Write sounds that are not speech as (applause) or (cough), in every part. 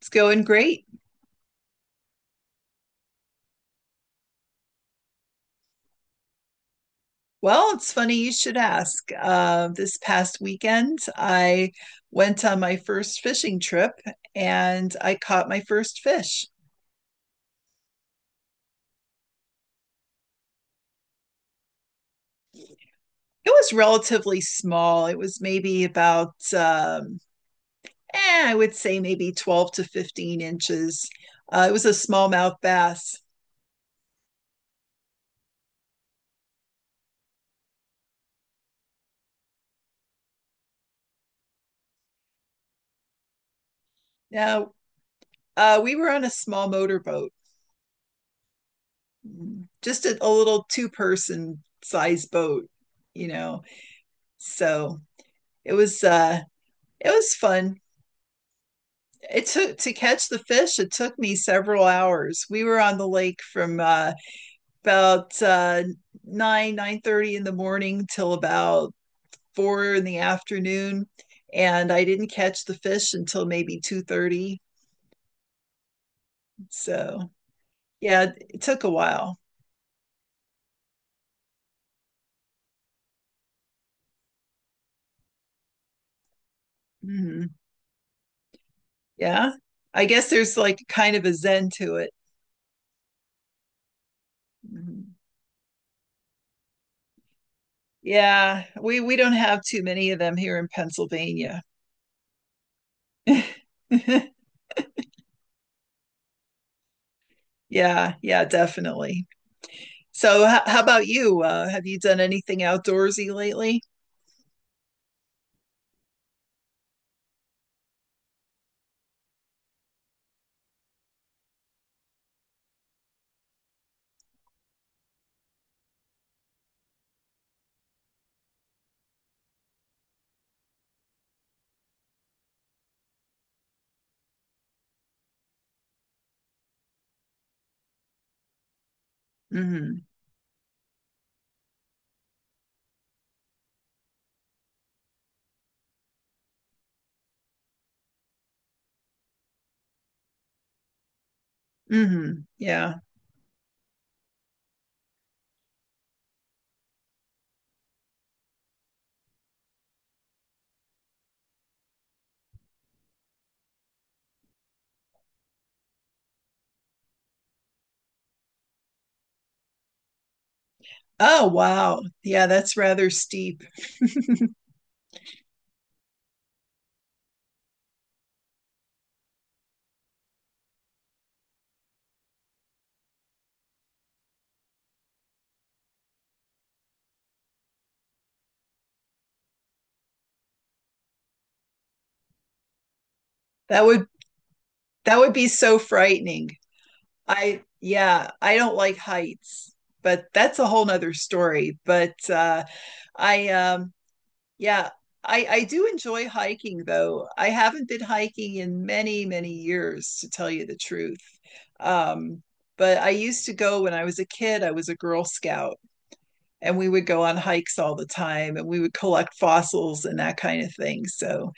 It's going great. Well, it's funny you should ask. This past weekend, I went on my first fishing trip and I caught my first fish. It was relatively small. It was maybe about I would say maybe 12 to 15 inches. It was a smallmouth bass. Now, we were on a small motorboat, just a little two-person size boat, you know. So it was uh, it was fun. It took to catch the fish, it took me several hours. We were on the lake from about 9:30 in the morning till about four in the afternoon, and I didn't catch the fish until maybe 2:30. So yeah, it took a while. hmm Yeah, I guess there's like kind of a zen to it. Mhm. Yeah, we don't have too many of them here in Pennsylvania. (laughs) Yeah, yeah, definitely. So, how about you? Have you done anything outdoorsy lately? hmm hmm Yeah. Oh, wow. Yeah, that's rather steep. (laughs) That would that would be so frightening. I Yeah, I don't like heights, but that's a whole nother story. But I Yeah, I do enjoy hiking though. I haven't been hiking in many, many years to tell you the truth. Um, but I used to go when I was a kid, I was a Girl Scout and we would go on hikes all the time and we would collect fossils and that kind of thing. So,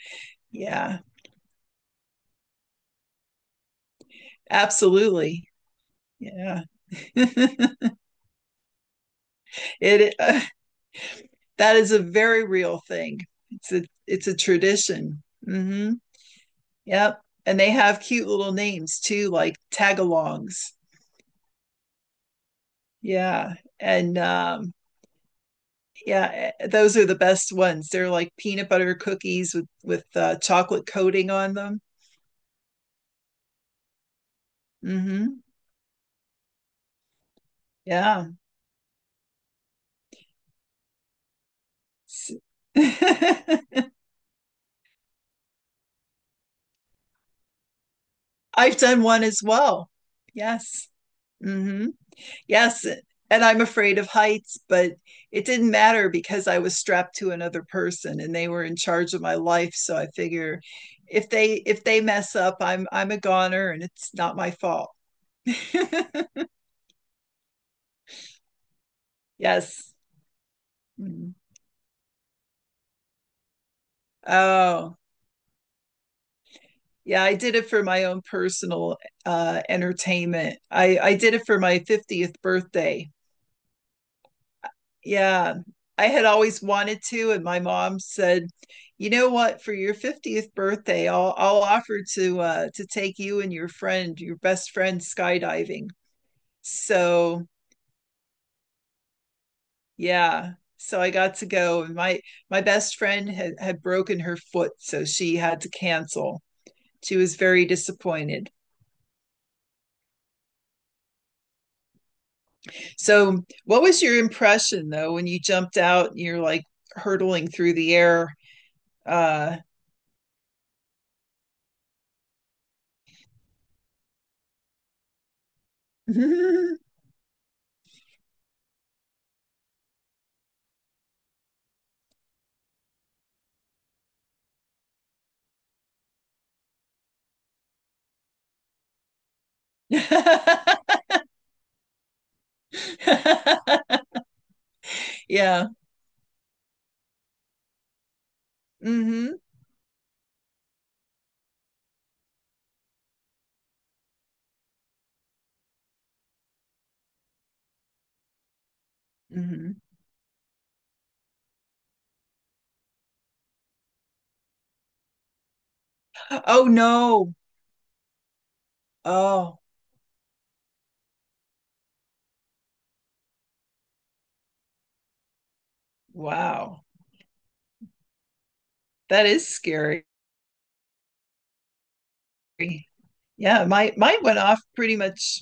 yeah, absolutely. Yeah. (laughs) It That is a very real thing. It's a tradition. Yep. And they have cute little names too, like tagalongs. Yeah. And Yeah, those are the best ones. They're like peanut butter cookies with chocolate coating on them. hmm Yeah. S- (laughs) I've done one as well. Yes. hmm Yes. And I'm afraid of heights, but it didn't matter because I was strapped to another person and they were in charge of my life. So I figure if they mess up, I'm a goner and it's not my fault. (laughs) Yes. Mm-hmm. Oh, yeah, I did it for my own personal entertainment. I did it for my 50th birthday. Yeah. I had always wanted to, and my mom said, "You know what? For your 50th birthday, I'll offer to take you and your friend, your best friend skydiving." So, yeah. So I got to go, and my best friend had had broken her foot, so she had to cancel. She was very disappointed. So, what was your impression though when you jumped out and you're like hurtling through the air? Uh, (laughs) yeah. hmm hmm Oh no. Oh, wow. That is scary. Yeah, my mine went off pretty much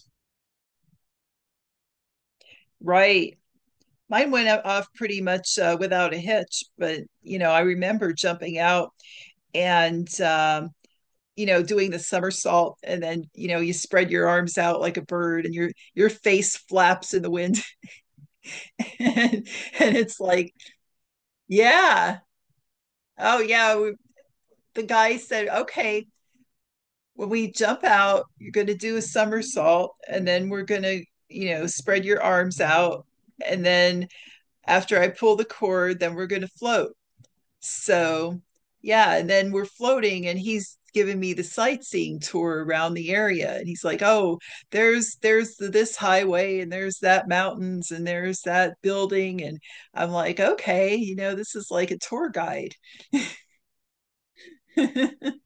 right. Mine went off pretty much without a hitch, but you know, I remember jumping out and you know doing the somersault and then you know you spread your arms out like a bird and your face flaps in the wind (laughs) and, and it's like yeah oh yeah we, the guy said okay when we jump out you're going to do a somersault and then we're going to you know spread your arms out and then after I pull the cord then we're going to float. So, yeah, and then we're floating and he's giving me the sightseeing tour around the area and he's like, "Oh, there's the, this highway and there's that mountains and there's that building." And I'm like, "Okay, you know, this is like a tour guide." (laughs)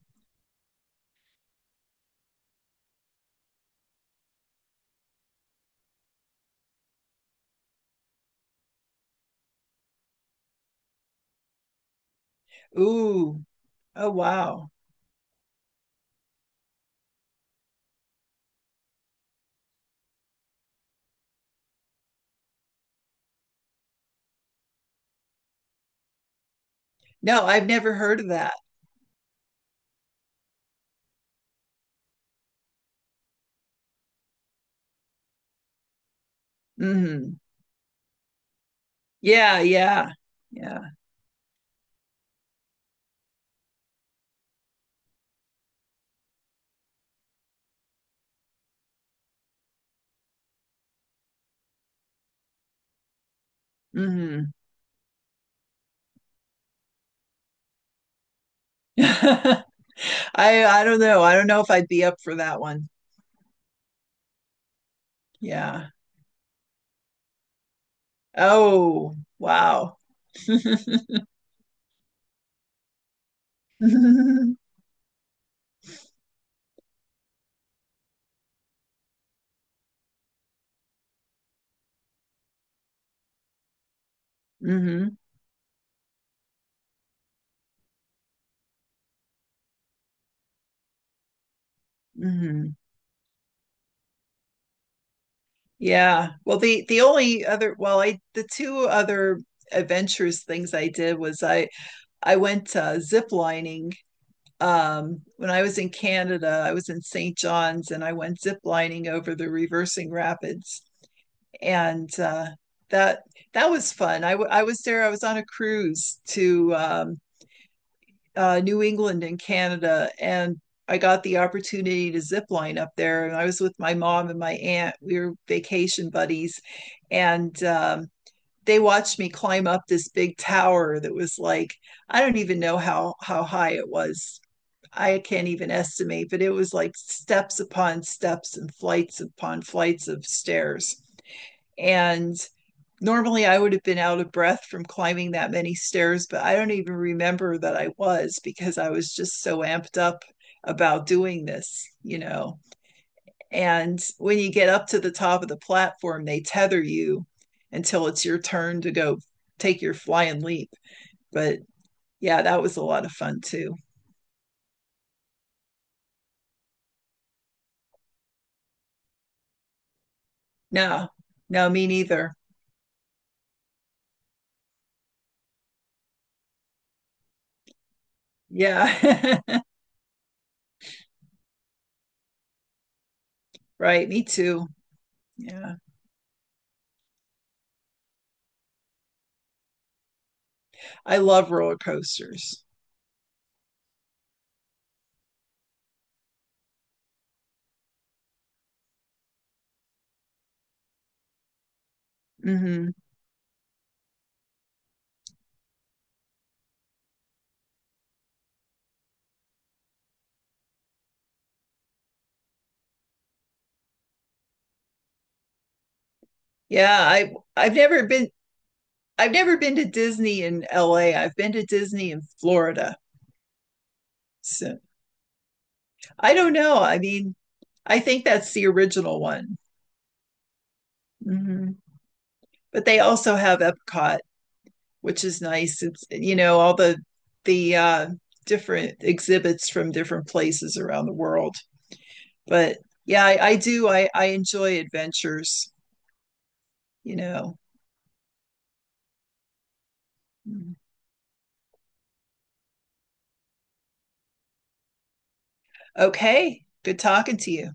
Ooh. Oh, wow. No, I've never heard of that. Mhm. Yeah, yeah. Yeah. Mhm. (laughs) I I don't know. I don't know if I'd be up for that one. Yeah. Oh, wow. (laughs) (laughs) hmm hmm Yeah. Well, the only other I the two other adventurous things I did was I went zip lining when I was in Canada. I was in St. John's and I went zip lining over the reversing rapids and that that was fun. I was there. I was on a cruise to New England and Canada, and I got the opportunity to zip line up there. And I was with my mom and my aunt. We were vacation buddies, and they watched me climb up this big tower that was like I don't even know how high it was. I can't even estimate, but it was like steps upon steps and flights upon flights of stairs. And normally I would have been out of breath from climbing that many stairs, but I don't even remember that I was because I was just so amped up about doing this, you know. And when you get up to the top of the platform, they tether you until it's your turn to go take your flying leap. But yeah, that was a lot of fun too. No, no, me neither. Yeah. (laughs) Right, me too. Yeah. I love roller coasters. hmm Yeah, I've never been to Disney in LA. I've been to Disney in Florida. So I don't know. I mean, I think that's the original one. hmm But they also have Epcot, which is nice. It's, you know, all the different exhibits from different places around the world. But yeah, I do. I enjoy adventures, you know. Mhm. Okay, good talking to you.